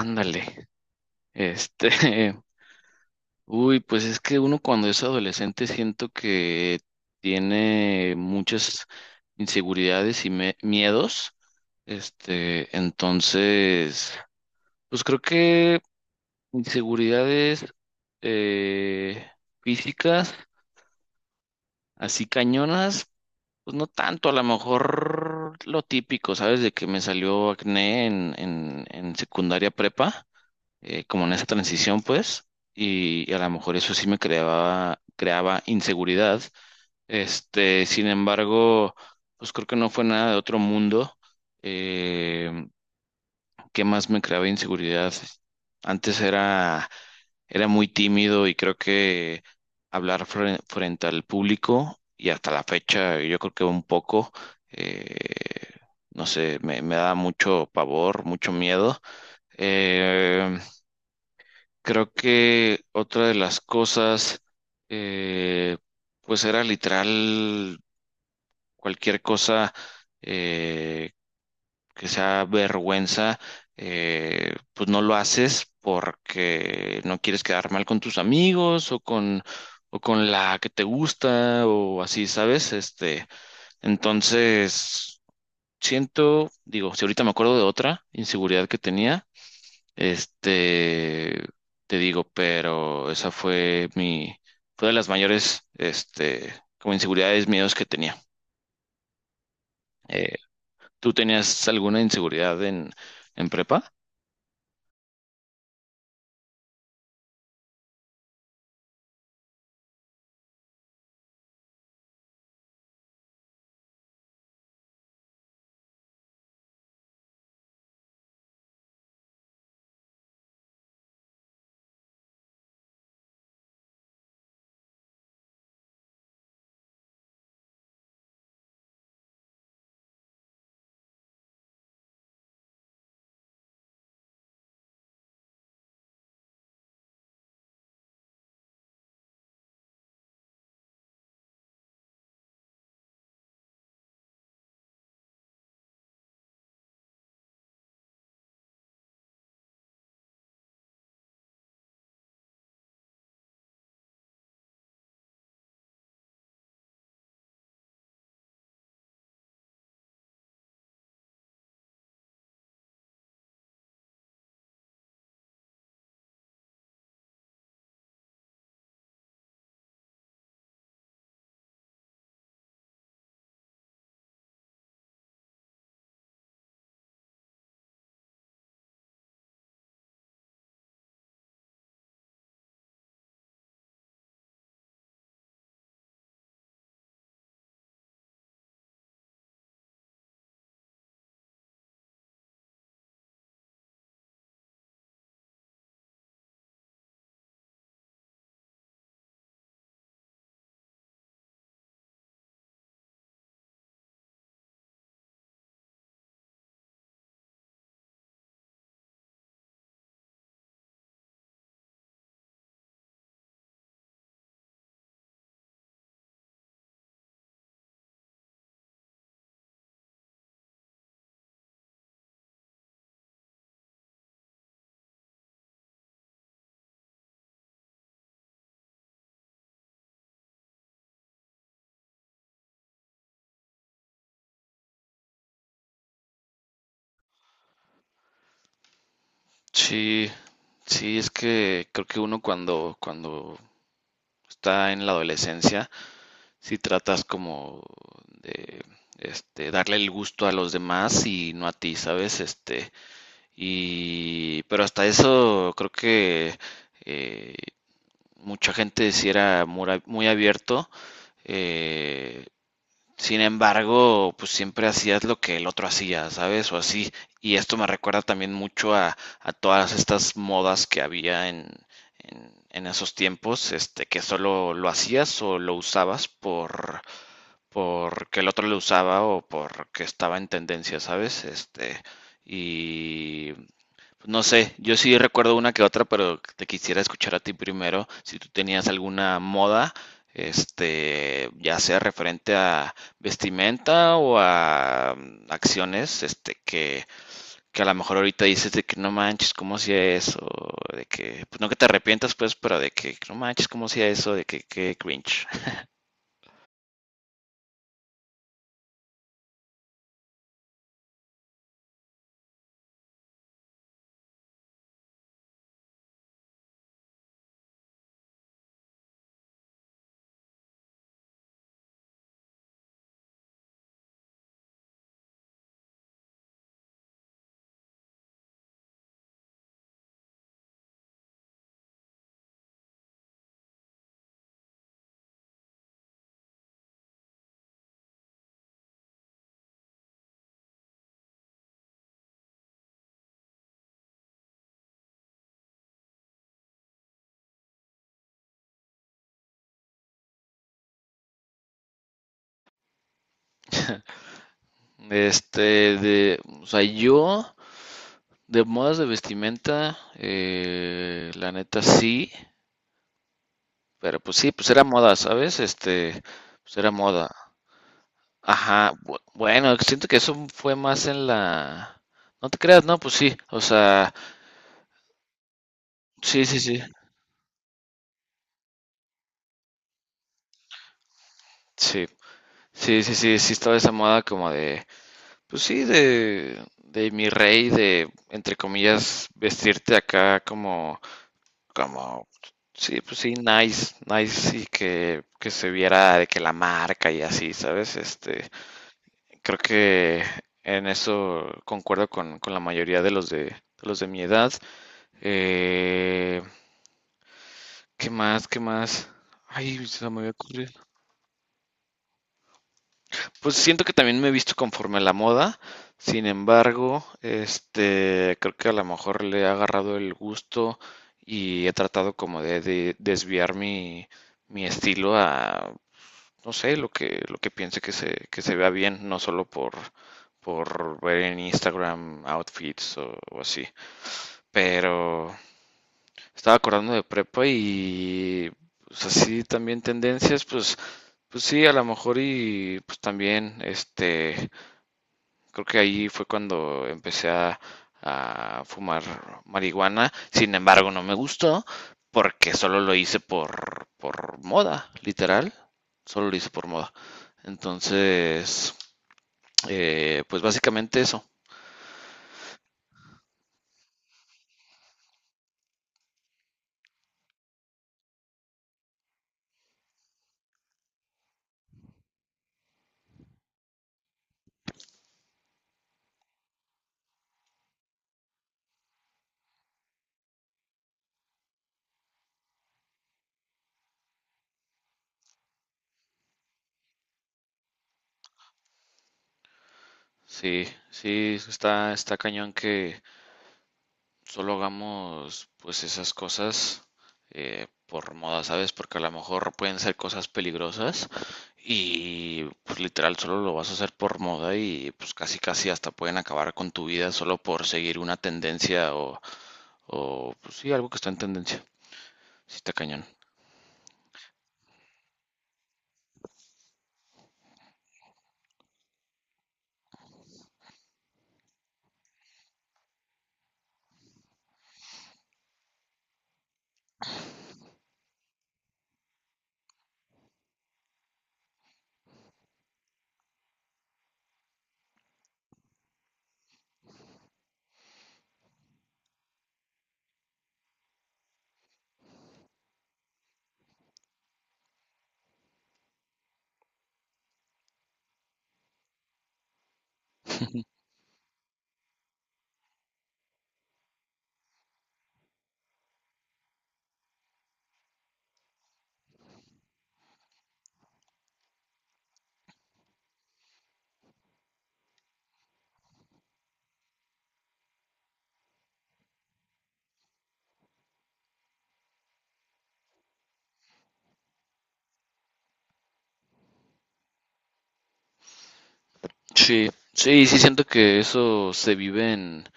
Ándale, este, uy, pues es que uno cuando es adolescente siento que tiene muchas inseguridades y miedos, entonces, pues creo que inseguridades eh, físicas, así cañonas, pues no tanto, a lo mejor lo típico, ¿sabes? De que me salió acné en secundaria prepa. Como en esa transición, pues, y a lo mejor eso sí me creaba inseguridad. Sin embargo, pues creo que no fue nada de otro mundo. Eh, ¿Qué más me creaba inseguridad? Antes era muy tímido y creo que hablar frente al público y hasta la fecha, yo creo que un poco, eh, no sé, me da mucho pavor, mucho miedo. Eh, Creo que otra de las cosas, eh, pues era literal cualquier cosa eh, que sea vergüenza, pues no lo haces porque no quieres quedar mal con tus amigos o con la que te gusta o así, ¿sabes? Entonces, siento, digo, si ahorita me acuerdo de otra inseguridad que tenía. Este, Te digo, pero esa fue fue de las mayores, como inseguridades, miedos que tenía. Eh, ¿Tú tenías alguna inseguridad en prepa? Sí, sí, es que creo que uno cuando está en la adolescencia, si tratas como de darle el gusto a los demás y no a ti, ¿sabes? Y pero hasta eso creo que eh, mucha gente sí era muy abierto. eh, Sin embargo, pues siempre hacías lo que el otro hacía, ¿sabes? O así. Y esto me recuerda también mucho a todas estas modas que había en esos tiempos, que solo lo hacías o lo usabas porque el otro lo usaba o porque estaba en tendencia, ¿sabes? Y pues no sé, yo sí recuerdo una que otra, pero te quisiera escuchar a ti primero, si tú tenías alguna moda, ya sea referente a vestimenta o a acciones, que a lo mejor ahorita dices de que no manches, ¿cómo hacía eso? De que, pues no que te arrepientas, pues, pero de que no manches, ¿cómo hacía eso? De que cringe. Este, o sea, yo de modas de vestimenta, la neta sí. Pero pues sí, pues era moda, ¿sabes? Pues era moda. Ajá, bueno, siento que eso fue más en la. No te creas, no, pues sí, o sea, sí, sí, sí, sí, sí, sí, sí, sí estaba esa moda como de, pues sí, de mi rey, de, entre comillas, vestirte acá como, sí, pues sí, nice, nice, y que se viera de que la marca y así, ¿sabes? Creo que en eso concuerdo con la mayoría de los de los de mi edad. Eh, ¿Qué más? ¿Qué más? Ay, se me había ocurrido. Pues siento que también me he visto conforme a la moda. Sin embargo, creo que a lo mejor le he agarrado el gusto y he tratado como de desviar mi estilo a no sé, lo que piense que se vea bien, no solo por ver en Instagram outfits o así. Pero estaba acordando de prepa y pues así también tendencias, pues sí, a lo mejor y pues también creo que ahí fue cuando empecé a fumar marihuana. Sin embargo, no me gustó porque solo lo hice por moda, literal. Solo lo hice por moda. Entonces, pues básicamente eso. Sí, sí, está cañón solo hagamos pues esas cosas por moda, ¿sabes? Porque a lo mejor pueden ser cosas peligrosas y pues literal solo lo vas a hacer por moda y pues casi casi hasta pueden acabar con tu vida solo por seguir una tendencia o pues sí, algo que está en tendencia. Sí, está cañón. Sí, sí, sí siento que eso se vive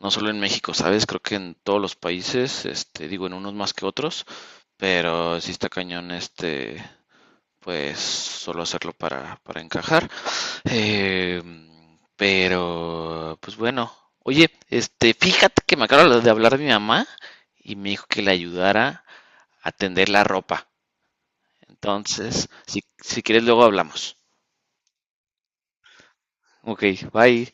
no solo en México, ¿sabes? Creo que en todos los países, digo, en unos más que otros, pero sí está cañón pues solo hacerlo para encajar. Eh, pero, pues bueno. Oye, fíjate que me acabo de hablar de mi mamá y me dijo que le ayudara a tender la ropa. Entonces, si quieres, luego hablamos. Ok, bye.